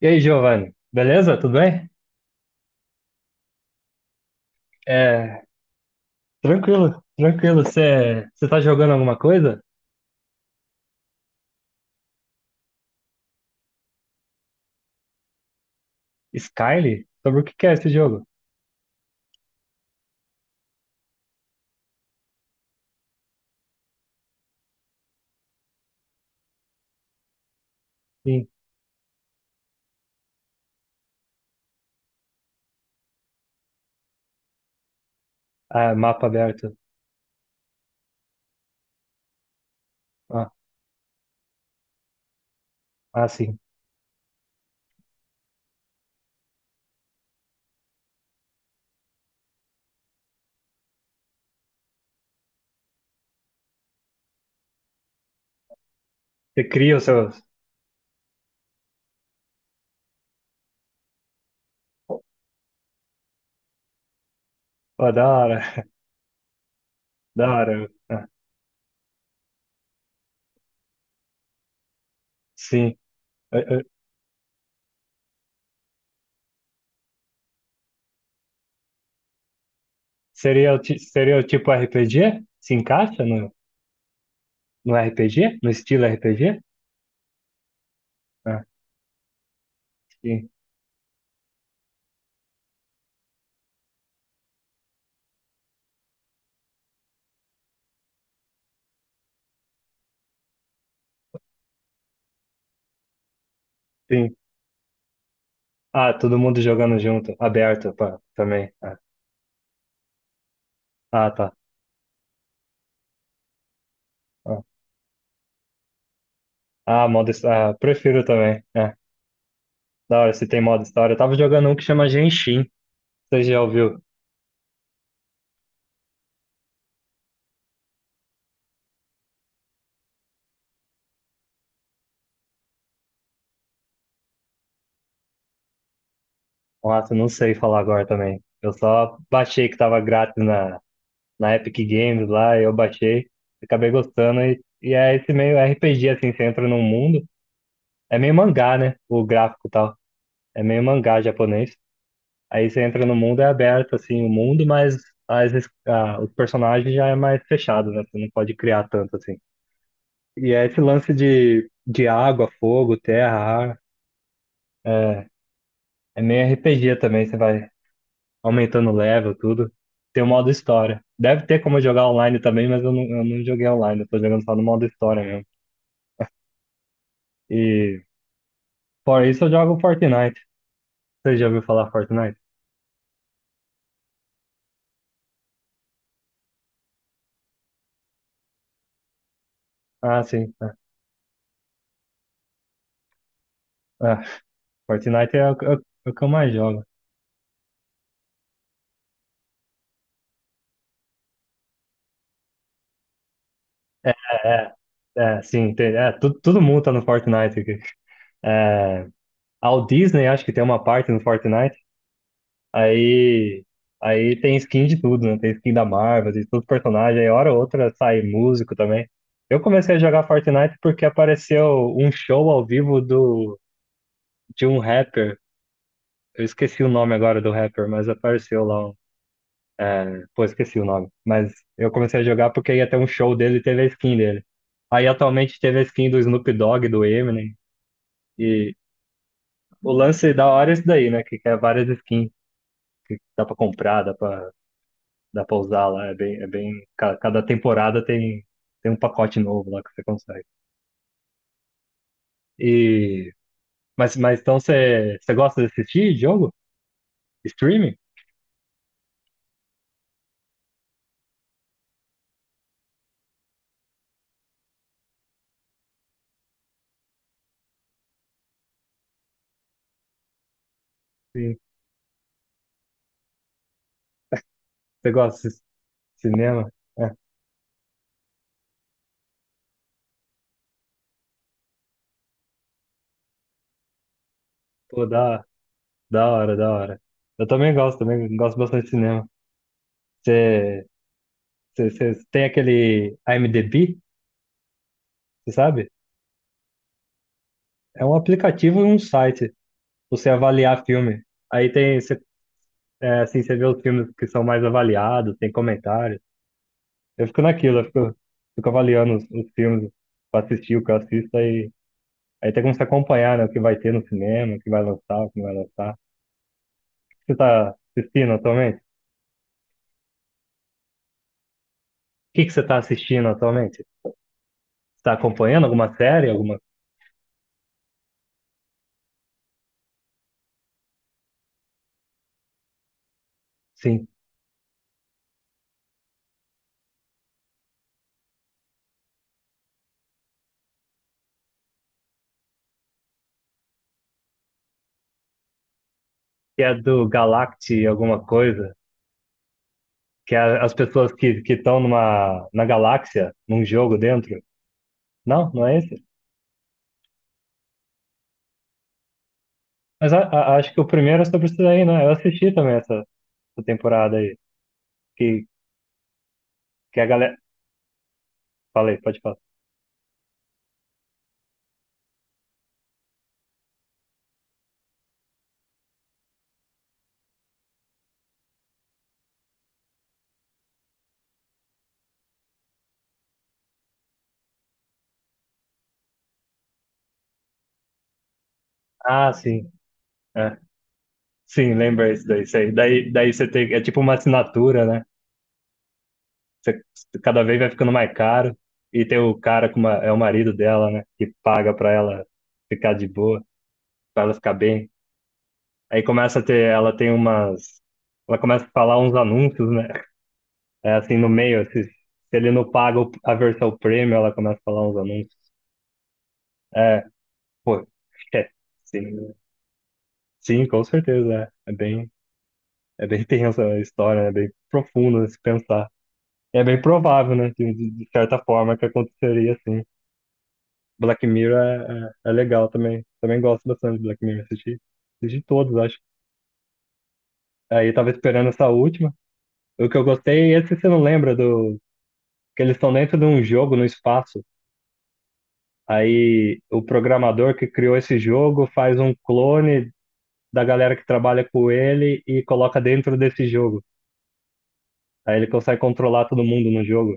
E aí, Giovanni? Beleza? Tudo bem? É, tranquilo, tranquilo. Você tá jogando alguma coisa? Skyrim? Sobre o que que é esse jogo? Sim. Ah, mapa aberto. Ah, ah, sim. Você cria os seus. Oh, da hora, da hora. Ah, sim. Eh, eh, seria o tipo RPG? Se encaixa no RPG? No estilo RPG? Ah, sim, sim. Ah, todo mundo jogando junto, aberto pá, também. Ah, ah, tá. Ah, ah, modo. Ah, prefiro também, é. Da hora, se tem modo história. Eu tava jogando um que chama Genshin. Você já ouviu? Nossa, eu não sei falar agora também. Eu só baixei que tava grátis na Epic Games lá, eu baixei, acabei gostando. E é esse meio RPG, assim, você entra num mundo. É meio mangá, né? O gráfico e tal. É meio mangá japonês. Aí você entra no mundo, é aberto, assim, o mundo, mas os personagens já é mais fechado, né? Você não pode criar tanto, assim. E é esse lance de água, fogo, terra, ar. É. É meio RPG também, você vai aumentando o level, tudo. Tem o modo história. Deve ter como jogar online também, mas eu não joguei online, eu tô jogando só no modo história mesmo. E fora isso eu jogo Fortnite. Você já ouviu falar Fortnite? Ah, sim, é. Ah, Fortnite é o, que- é o- é o que eu mais jogo. É, é, é, sim, tem, é, todo mundo tá no Fortnite aqui. É, a Walt Disney acho que tem uma parte no Fortnite. Aí, aí tem skin de tudo, né? Tem skin da Marvel, de todo personagens. Aí hora ou outra sai músico também. Eu comecei a jogar Fortnite porque apareceu um show ao vivo de um rapper. Eu esqueci o nome agora do rapper, mas apareceu lá. É, pô, esqueci o nome. Mas eu comecei a jogar porque ia ter um show dele e teve a skin dele. Aí atualmente teve a skin do Snoop Dogg, do Eminem. E o lance da hora é isso daí, né? Que é várias skins que dá pra comprar, dá pra. Dá pra usar lá, é bem, é bem. Cada temporada tem um pacote novo lá que você consegue. E, mas então você gosta de assistir jogo? Streaming? Sim. Você gosta cinema? É. Pô, da hora, da hora. Eu também gosto bastante de cinema. Você, você tem aquele IMDb, você sabe? É um aplicativo e um site pra você avaliar filme. Aí tem, você, é, assim, você vê os filmes que são mais avaliados, tem comentários. Eu fico naquilo, fico avaliando os filmes pra assistir o que eu assisto e aí tem como se acompanhar, né, o que vai ter no cinema, o que vai lançar, o que não vai lançar. Você tá assistindo atualmente? O que que você tá assistindo atualmente? Você tá acompanhando alguma série, alguma, sim, que é do Galaxy alguma coisa, que é as pessoas que estão numa na galáxia, num jogo dentro. Não, não é esse? Acho que o primeiro é sobre isso daí, né? Eu assisti também essa temporada aí, que que a galera, falei, pode falar. Ah, sim. Sim, lembra isso daí. Sei. Daí você tem. É tipo uma assinatura, né? Você, cada vez vai ficando mais caro. E tem o cara com uma, é o marido dela, né? Que paga pra ela ficar de boa, pra ela ficar bem. Aí começa a ter. Ela tem umas. Ela começa a falar uns anúncios, né? É assim, no meio. Se ele não paga a versão premium, ela começa a falar uns anúncios. É, pô. É, sim. Sim, com certeza. É, é bem. É bem tensa a história, é bem profundo se pensar. É bem provável, né? De certa forma que aconteceria assim. Black Mirror é legal também. Também gosto bastante de Black Mirror. Assisti todos, acho. Aí tava esperando essa última. O que eu gostei, é esse você não lembra do. Que eles estão dentro de um jogo no espaço. Aí o programador que criou esse jogo faz um clone da galera que trabalha com ele e coloca dentro desse jogo. Aí ele consegue controlar todo mundo no jogo.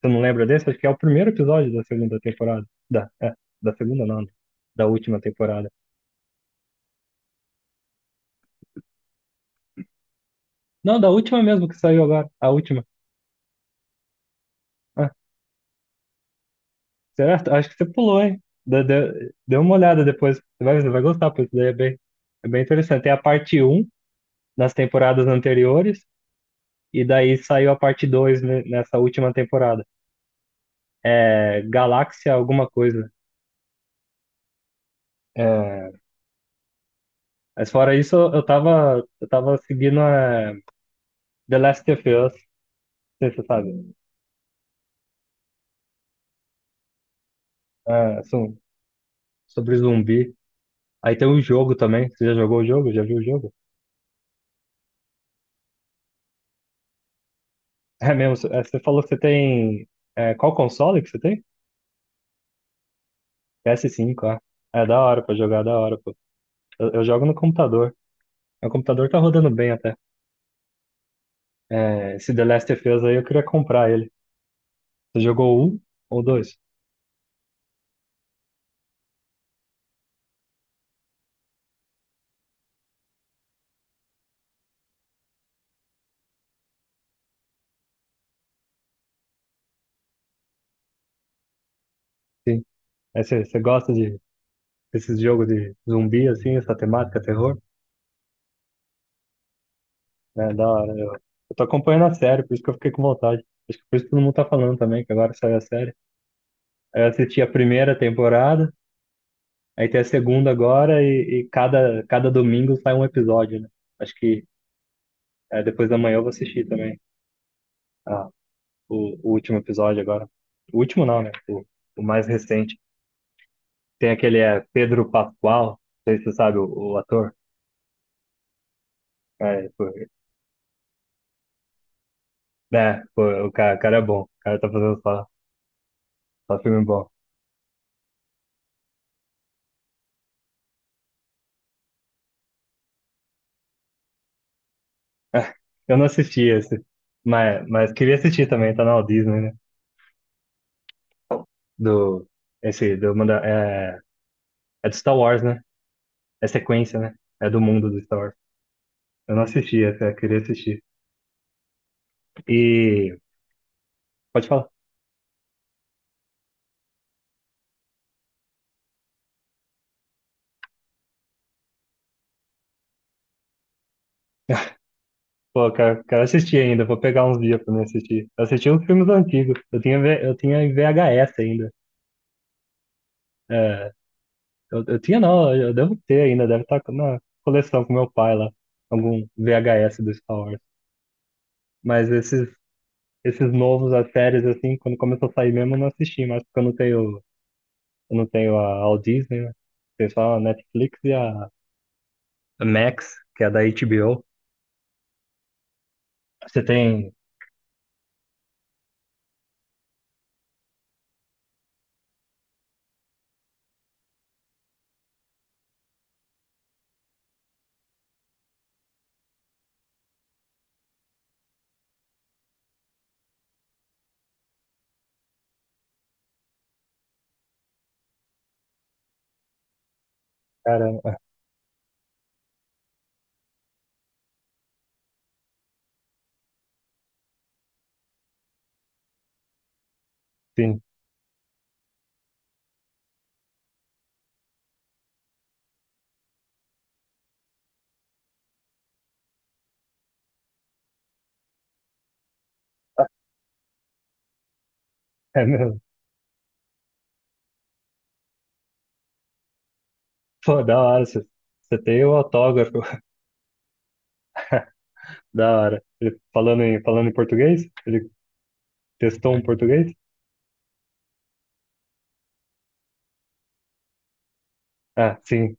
Você não lembra desse? Acho que é o primeiro episódio da segunda temporada. Da, é, da segunda não, né? Da última temporada. Não, da última mesmo que saiu agora, a última. Ah, certo? Acho que você pulou, hein? Dê uma olhada depois, você vai gostar, porque isso daí é bem interessante. Tem a parte um nas temporadas anteriores, e daí saiu a parte 2 nessa última temporada. É Galáxia alguma coisa. É, mas fora isso, eu tava seguindo é, The Last of Us, não sei se você sabe. É, sobre zumbi. Aí tem um jogo também. Você já jogou o jogo? Já viu o jogo? É mesmo. Você falou que você tem. É, qual console que você tem? PS5, ah. É da hora pra jogar, da hora, pô. Eu jogo no computador. O computador tá rodando bem até. É, esse The Last of Us aí eu queria comprar ele. Você jogou um ou dois? Sim. Você gosta de desses jogos de zumbi, assim, essa temática, terror? É da hora. Eu tô acompanhando a série, por isso que eu fiquei com vontade. Acho que por isso que todo mundo tá falando também, que agora saiu a série. Aí eu assisti a primeira temporada. Aí tem a segunda agora e cada domingo sai um episódio, né? Acho que é, depois da manhã eu vou assistir também, ah, o último episódio agora. O último não, né? O mais recente. Tem aquele é, Pedro Pascoal, não sei se você sabe, o ator. É, pô, né? Pô, o cara é bom, o cara tá fazendo só, só filme bom. Eu não assisti esse, mas queria assistir também, tá na Walt Disney, né? Do, esse, do, Manda- é, é do Star Wars, né? É sequência, né? É do mundo do Star Wars. Eu não assisti essa, eu queria assistir. E. Pode falar. Pô, quero assistir ainda, vou pegar uns dias pra me assistir. Eu assisti uns filmes antigos. Eu tinha, eu tinha em VHS ainda. É, eu tinha não, eu devo ter ainda, deve estar na coleção com meu pai lá. Algum VHS do Star Wars. Mas esses novos, as séries, assim, quando começou a sair mesmo, eu não assisti, mas porque eu não tenho a All Disney, né? Tem só a Netflix e a Max, que é da HBO. Você tem. Cara, assim, é. Pô, da hora, você tem o autógrafo. Da hora. Ele, falando em português? Ele testou um português? Ah, sim.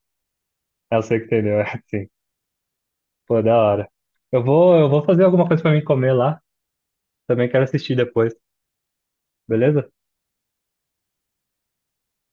Ah, eu sei que entendeu, é, sim. Pô, da hora. Eu vou fazer alguma coisa pra mim comer lá. Também quero assistir depois, beleza?